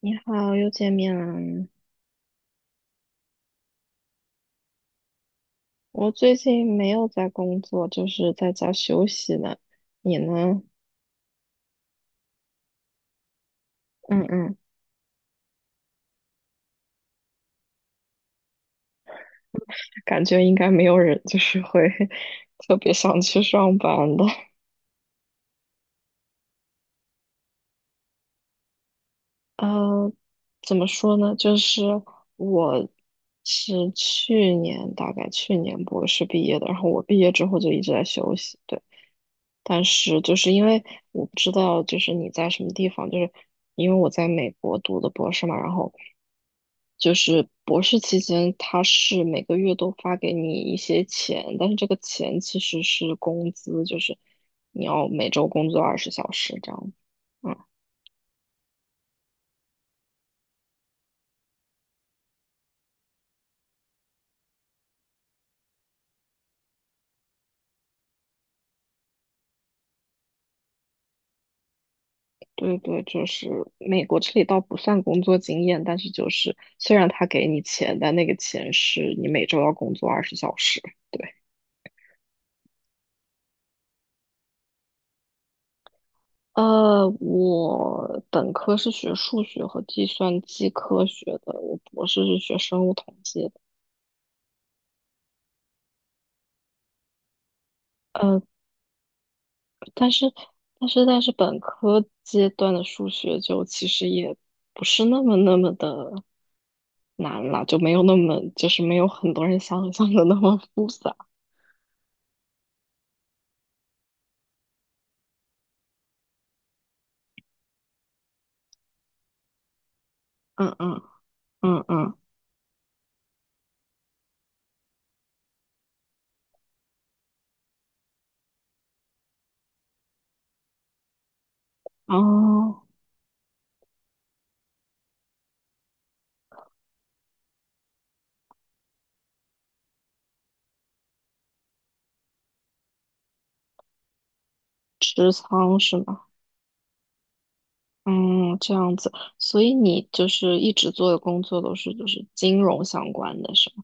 你好，又见面了。我最近没有在工作，就是在家休息呢。你呢？嗯嗯，感觉应该没有人就是会 特别想去上班的。呃，怎么说呢？就是我是去年，大概去年博士毕业的，然后我毕业之后就一直在休息，对。但是就是因为我不知道，就是你在什么地方，就是因为我在美国读的博士嘛，然后就是博士期间，他是每个月都发给你一些钱，但是这个钱其实是工资，就是你要每周工作二十小时这样。嗯。对对，就是美国这里倒不算工作经验，但是就是虽然他给你钱，但那个钱是你每周要工作二十小时。对，我本科是学数学和计算机科学的，我博士是学生物统计的。呃，但是本科阶段的数学就其实也不是那么的难了，就没有那么就是没有很多人想象的那么复杂。嗯嗯嗯嗯，哦。持仓是吗？嗯，这样子，所以你就是一直做的工作都是就是金融相关的，是吗？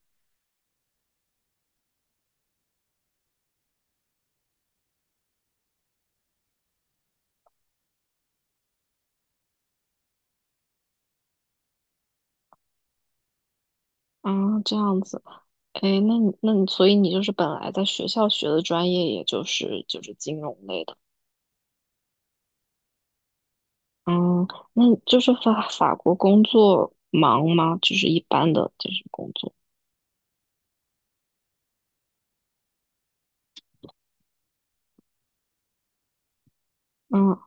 啊，这样子，哎，那你，所以你就是本来在学校学的专业，也就是就是金融类的，嗯，那就是法国工作忙吗？就是一般的就是工作，嗯，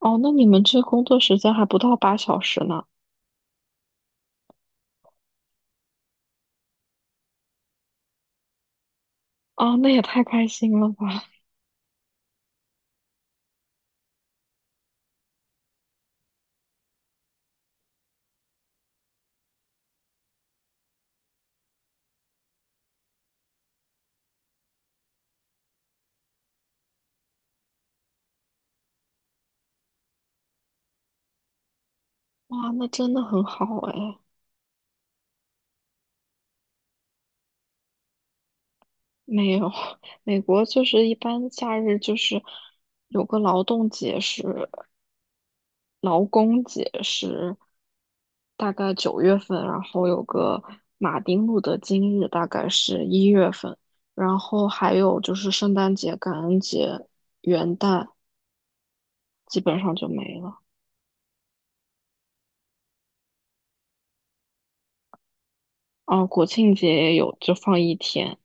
哦，那你们这工作时间还不到八小时呢，啊，那也太开心了吧，哇，那真的很好哎。没有，美国就是一般假日就是有个劳动节是劳工节是大概9月份，然后有个马丁路德金日大概是1月份，然后还有就是圣诞节、感恩节、元旦基本上就没了。哦，国庆节也有，就放一天。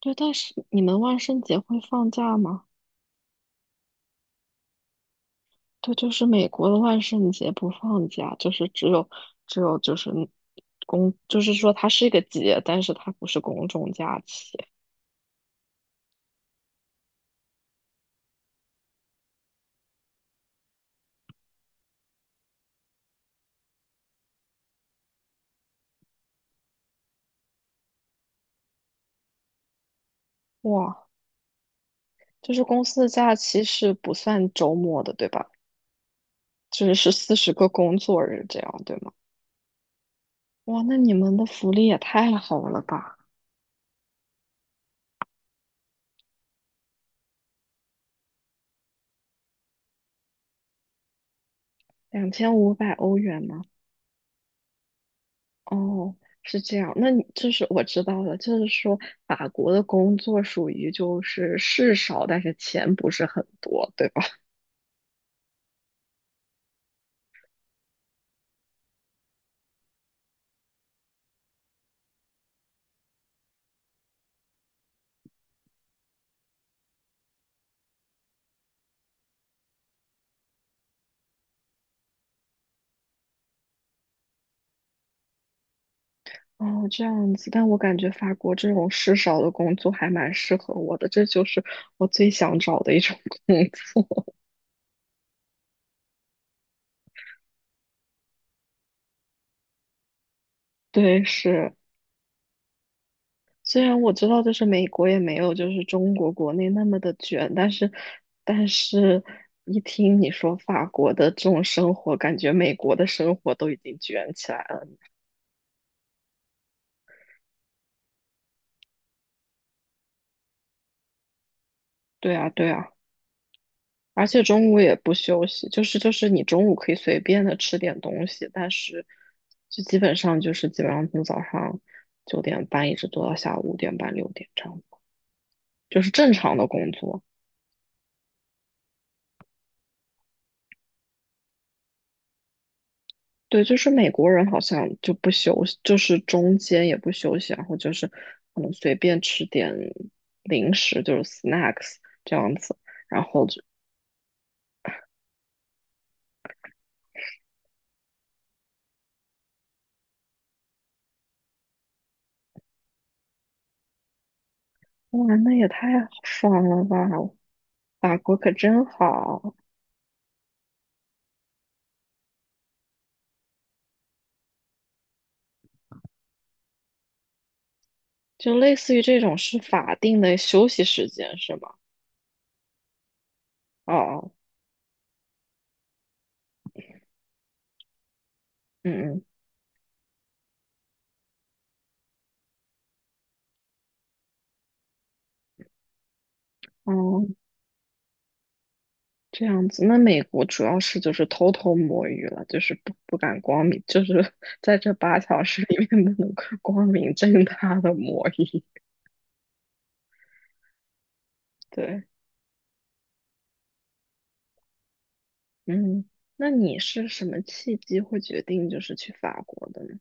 对，但是你们万圣节会放假吗？对，就是美国的万圣节不放假，就是只有就是公，就是说它是一个节，但是它不是公众假期。哇，就是公司的假期是不算周末的，对吧？就是是40个工作日这样，对吗？哇，那你们的福利也太好了吧？2500欧元吗？哦，是这样。那你就是我知道了，就是说法国的工作属于就是事少，但是钱不是很多，对吧？哦，这样子，但我感觉法国这种事少的工作还蛮适合我的，这就是我最想找的一种 工作。对，是，虽然我知道就是美国也没有就是中国国内那么的卷，但是，但是一听你说法国的这种生活，感觉美国的生活都已经卷起来了。对啊，对啊。而且中午也不休息，就是你中午可以随便的吃点东西，但是就基本上就是基本上从早上9点半一直做到下午5点半6点这样子，就是正常的工作。对，就是美国人好像就不休息，就是中间也不休息，然后就是可能随便吃点零食，就是 snacks 这样子，然后就哇，那也太爽了吧！法国可真好。就类似于这种是法定的休息时间是吗？哦，哦，嗯嗯，哦，这样子。那美国主要是就是偷偷摸鱼了，就是不敢光明，就是 在这8小时里面不能够光明正大的摸鱼。对，嗯，那你是什么契机会决定就是去法国的呢？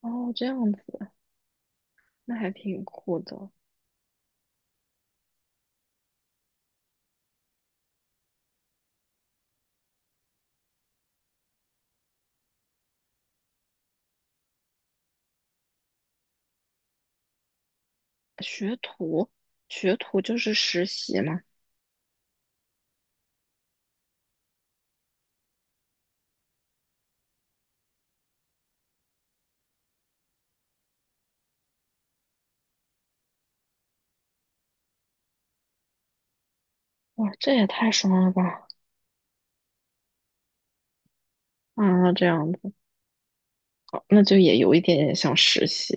哦，这样子，那还挺酷的。学徒，学徒就是实习嘛。哇，这也太爽了吧！啊，这样子。好那就也有一点点像实习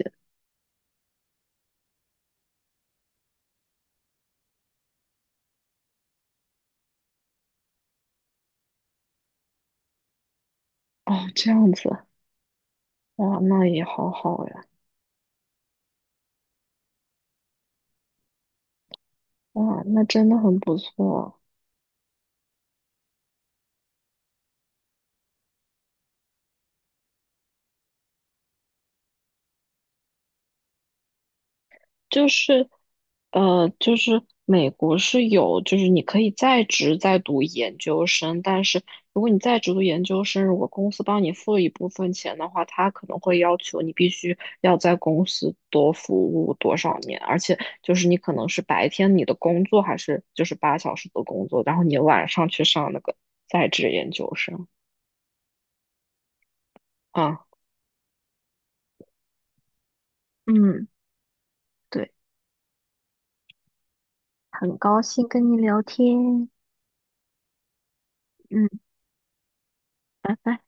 哦，这样子，哇，那也好好呀，哇，那真的很不错。就是，就是美国是有，就是你可以在职在读研究生，但是如果你在职读研究生，如果公司帮你付一部分钱的话，他可能会要求你必须要在公司多服务多少年，而且就是你可能是白天你的工作还是就是八小时的工作，然后你晚上去上那个在职研究生。啊，嗯，对，很高兴跟你聊天，嗯，拜拜。